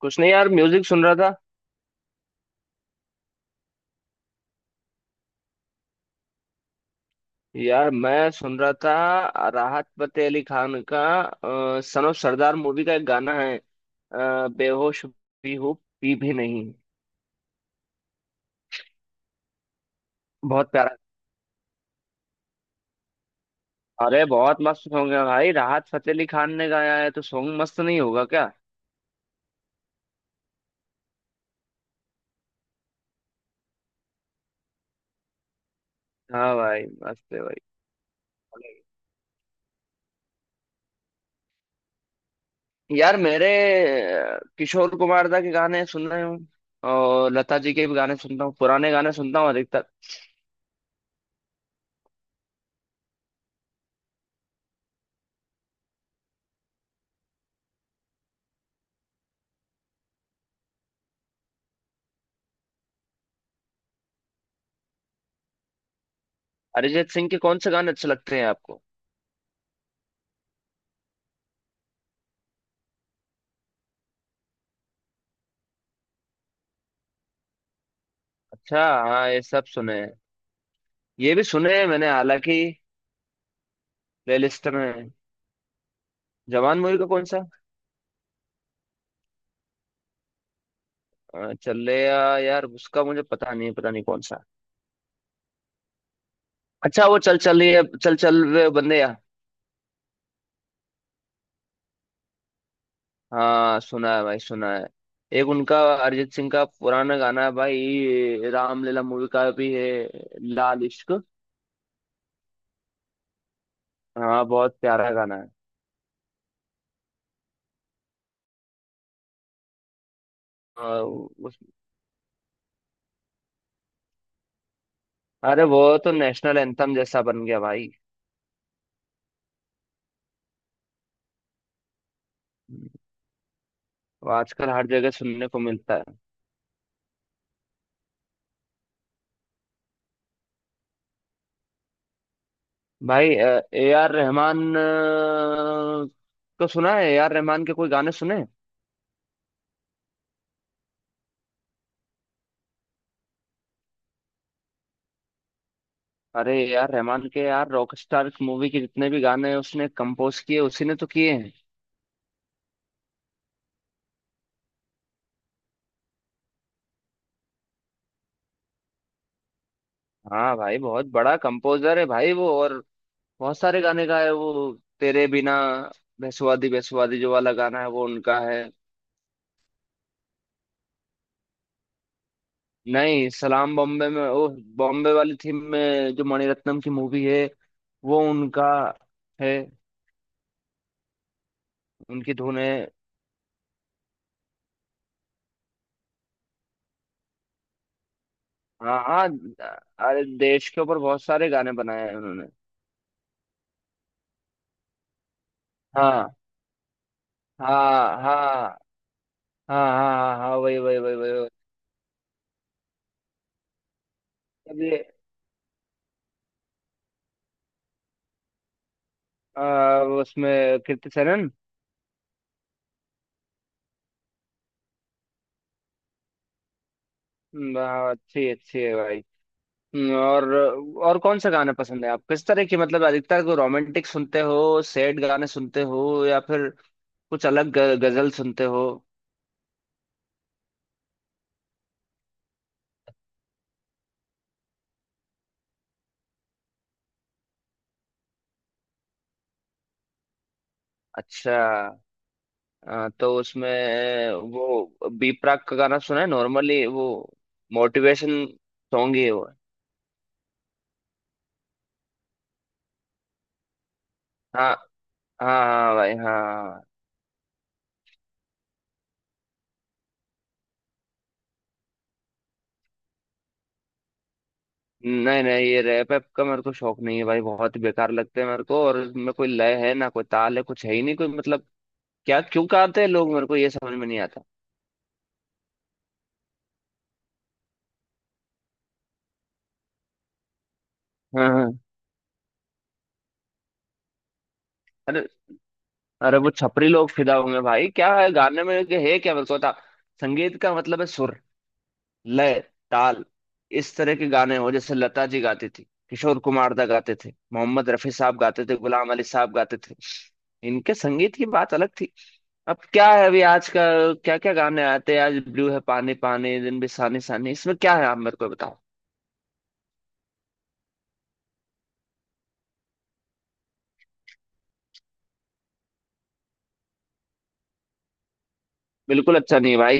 कुछ नहीं यार म्यूजिक सुन रहा था। यार मैं सुन रहा था राहत फतेह अली खान का सन ऑफ सरदार मूवी का एक गाना है, बेहोश भी हूँ, पी भी नहीं। बहुत प्यारा। अरे बहुत मस्त सॉन्ग है भाई, राहत फतेह अली खान ने गाया है तो सॉन्ग मस्त नहीं होगा क्या। हाँ भाई, मस्त है भाई। यार मेरे किशोर कुमार दा के गाने सुन रहे हूँ, और लता जी के भी गाने सुनता हूँ, पुराने गाने सुनता हूँ अधिकतर। अरिजीत सिंह के कौन से गाने अच्छे लगते हैं आपको? अच्छा, हाँ ये सब सुने हैं। ये भी सुने हैं मैंने, हालांकि। प्लेलिस्ट में। जवान मूवी का कौन सा? चलेया, यार उसका मुझे पता नहीं, पता नहीं कौन सा। अच्छा, वो चल चल रही है, चल चल रहे बंदे या। हाँ, सुना है भाई, सुना है। एक उनका अरिजीत सिंह का पुराना गाना है भाई, रामलीला मूवी का भी है, लाल इश्क। हाँ, बहुत प्यारा गाना है। और उस अरे, वो तो नेशनल एंथम जैसा बन गया भाई। वो आजकल हर जगह सुनने को मिलता है। भाई ए आर रहमान को सुना है, ए आर रहमान के कोई गाने सुने? अरे ए आर रहमान के यार, रॉकस्टार मूवी के जितने भी गाने उसने कंपोज किए, उसी ने तो किए हैं। हाँ भाई, बहुत बड़ा कंपोजर है भाई वो, और बहुत सारे गाने गाए वो। तेरे बिना, बेसुवादी बेसुवादी जो वाला गाना है वो उनका है। नहीं, सलाम बॉम्बे में वो बॉम्बे वाली थीम में, जो मणिरत्नम की मूवी है, वो उनका है, उनकी धुन है। हाँ हाँ। अरे देश के ऊपर बहुत सारे गाने बनाए हैं उन्होंने। हाँ हाँ हाँ हाँ हाँ हाँ, हाँ, वही वही वही वही वही। अब ये उसमें कीर्ति सेनन। हाँ, अच्छी अच्छी है भाई। हम्म, और और कौन सा गाना पसंद है, आप किस तरह की, मतलब अधिकतर को, रोमांटिक सुनते हो, सैड गाने सुनते हो, या फिर कुछ अलग गजल सुनते हो? अच्छा, तो उसमें वो बी प्राक का गाना सुना है, नॉर्मली वो मोटिवेशन सॉन्ग ही है वो। हाँ हाँ हाँ भाई, हाँ। नहीं नहीं, ये रैप ऐप का मेरे को शौक नहीं है भाई, बहुत बेकार लगते हैं मेरे को, और इसमें कोई लय है ना, कोई ताल है, कुछ है ही नहीं, कोई मतलब क्या, क्यों गाते हैं लोग, मेरे को ये समझ में नहीं आता। हाँ हाँ। अरे, अरे वो छपरी लोग फिदा होंगे भाई, क्या है गाने में, के है क्या मेरे को बता। संगीत का मतलब है सुर, लय, ताल। इस तरह के गाने हो जैसे लता जी गाती थी, किशोर कुमार दा गाते थे, मोहम्मद रफी साहब गाते थे, गुलाम अली साहब गाते थे। इनके संगीत की बात अलग थी। अब क्या है, अभी आज का क्या क्या गाने आते हैं, आज ब्लू है पानी पानी, दिन भी सानी सानी, इसमें क्या है, आप मेरे को बताओ। बिल्कुल अच्छा नहीं है भाई।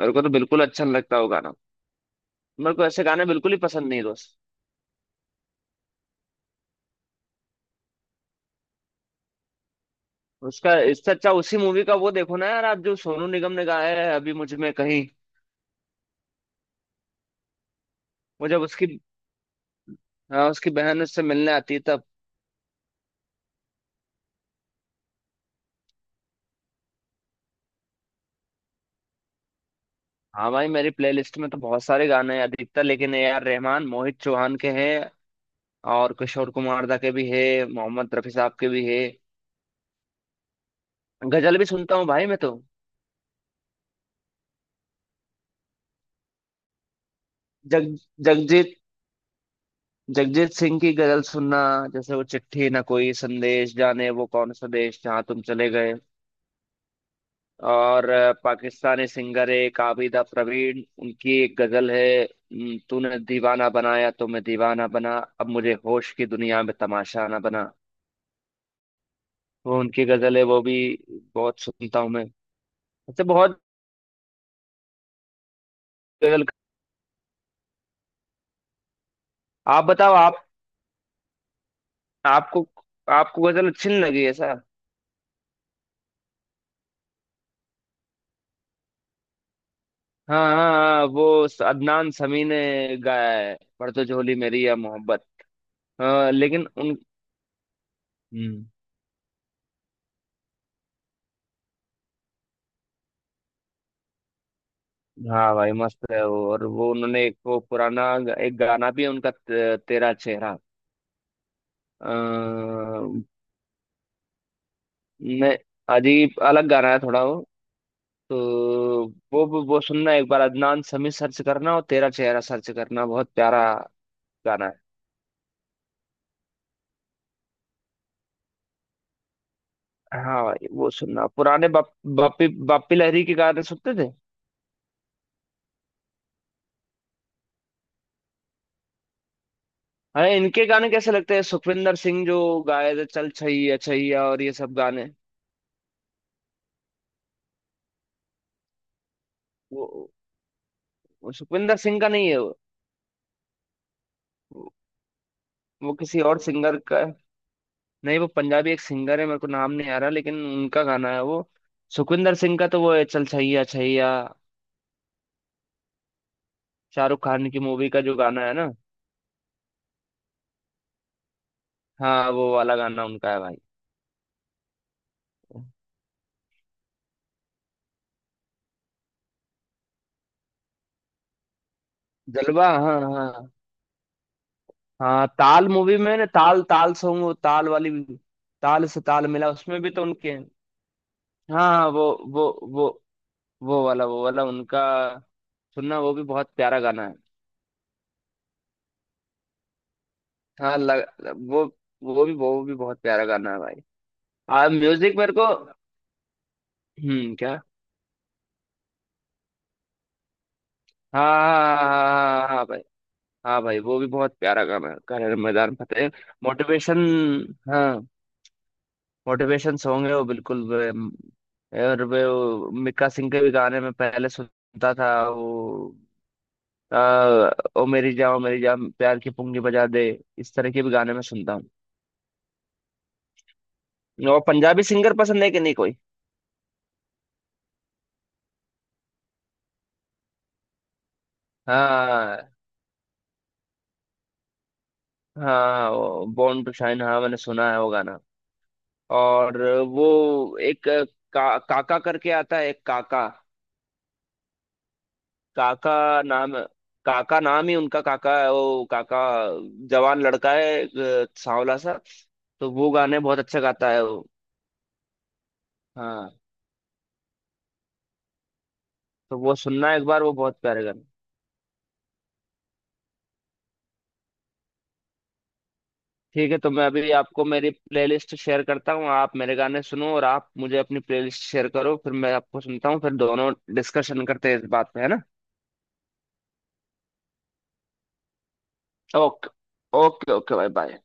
मेरे को तो बिल्कुल अच्छा नहीं लगता वो गाना। मेरे को ऐसे गाने बिल्कुल ही पसंद नहीं दोस्त। उसका इससे अच्छा उसी मूवी का वो देखो ना यार, आप जो सोनू निगम ने गाया है, अभी मुझ में कहीं। वो जब उसकी, हाँ उसकी बहन उससे मिलने आती है तब। हाँ भाई, मेरी प्लेलिस्ट में तो बहुत सारे गाने हैं, अधिकतर लेकिन ए आर रहमान, मोहित चौहान के हैं, और किशोर कुमार दा के भी है, मोहम्मद रफी साहब के भी है। गजल भी सुनता हूँ भाई मैं तो। जग जगजीत जगजीत सिंह की गजल सुनना, जैसे वो चिट्ठी ना कोई संदेश, जाने वो कौन सा देश जहाँ तुम चले गए। और पाकिस्तानी सिंगर एक आबिदा प्रवीण, उनकी एक गजल है, तूने दीवाना बनाया तो मैं दीवाना बना, अब मुझे होश की दुनिया में तमाशा ना बना, वो उनकी गजल है, वो भी बहुत सुनता हूँ मैं। ऐसे बहुत गजल। आप बताओ, आप, आपको आपको गजल अच्छी नहीं लगी ऐसा? हाँ हाँ हाँ, वो अदनान समी ने गाया है, पर तो झोली मेरी या मोहब्बत। हाँ, लेकिन उन। हम्म, हाँ भाई, मस्त है वो, और वो उन्होंने एक वो पुराना एक गाना भी है उनका, तेरा चेहरा। आ, मैं अजीब अलग गाना है थोड़ा वो, तो वो सुनना एक बार, अदनान समी सर्च करना और तेरा चेहरा सर्च करना, बहुत प्यारा गाना है। हाँ भाई वो सुनना, पुराने बापी लहरी के गाने सुनते थे। अरे इनके गाने कैसे लगते हैं, सुखविंदर सिंह जो गाए थे चल छैया छैया और ये सब गाने। वो, वो सुखविंदर सिंह का नहीं है, वो किसी और सिंगर का है। नहीं, वो पंजाबी एक सिंगर है, मेरे को नाम नहीं आ रहा, लेकिन उनका गाना है वो। सुखविंदर सिंह का तो वो है चल छैया छैया, शाहरुख खान की मूवी का जो गाना है ना। हाँ, वो वाला गाना उनका है भाई। जलवा, हाँ हाँ हाँ, ताल मूवी में ना, ताल ताल सॉन्ग, वो ताल वाली। ताल से ताल मिला, उसमें भी तो उनके हैं। हाँ हाँ, वो वो वो वाला उनका सुनना, वो भी बहुत प्यारा गाना है। हाँ वो वो भी बहुत प्यारा गाना है भाई। आ म्यूजिक मेरे को। क्या? हाँ हाँ हाँ हाँ हाँ हाँ, हाँ, हाँ, भाई। हाँ भाई, वो भी बहुत प्यारा गाना है, कर मैदान फतेह। मोटिवेशन, हाँ मोटिवेशन सॉन्ग है वो बिल्कुल और वे वो मिक्का सिंह के भी गाने में पहले सुनता था वो। आ, ओ मेरी जान ओ मेरी जान, प्यार की पुंगी बजा दे, इस तरह के भी गाने में सुनता हूँ। और पंजाबी सिंगर पसंद है कि नहीं कोई? हाँ हाँ, बॉर्न टू शाइन, हाँ मैंने सुना है वो गाना। और वो एक काका करके आता है एक काका, काका नाम, काका नाम ही उनका, काका है वो काका, जवान लड़का है, सांवला सा, तो वो गाने बहुत अच्छा गाता है वो। हाँ, तो वो सुनना एक बार, वो बहुत प्यारे गाने। ठीक है, तो मैं अभी आपको मेरी प्लेलिस्ट शेयर करता हूँ, आप मेरे गाने सुनो, और आप मुझे अपनी प्लेलिस्ट शेयर करो, फिर मैं आपको सुनता हूँ, फिर दोनों डिस्कशन करते हैं इस बात पे, है ना। ओके, ओके ओके भाई, बाय।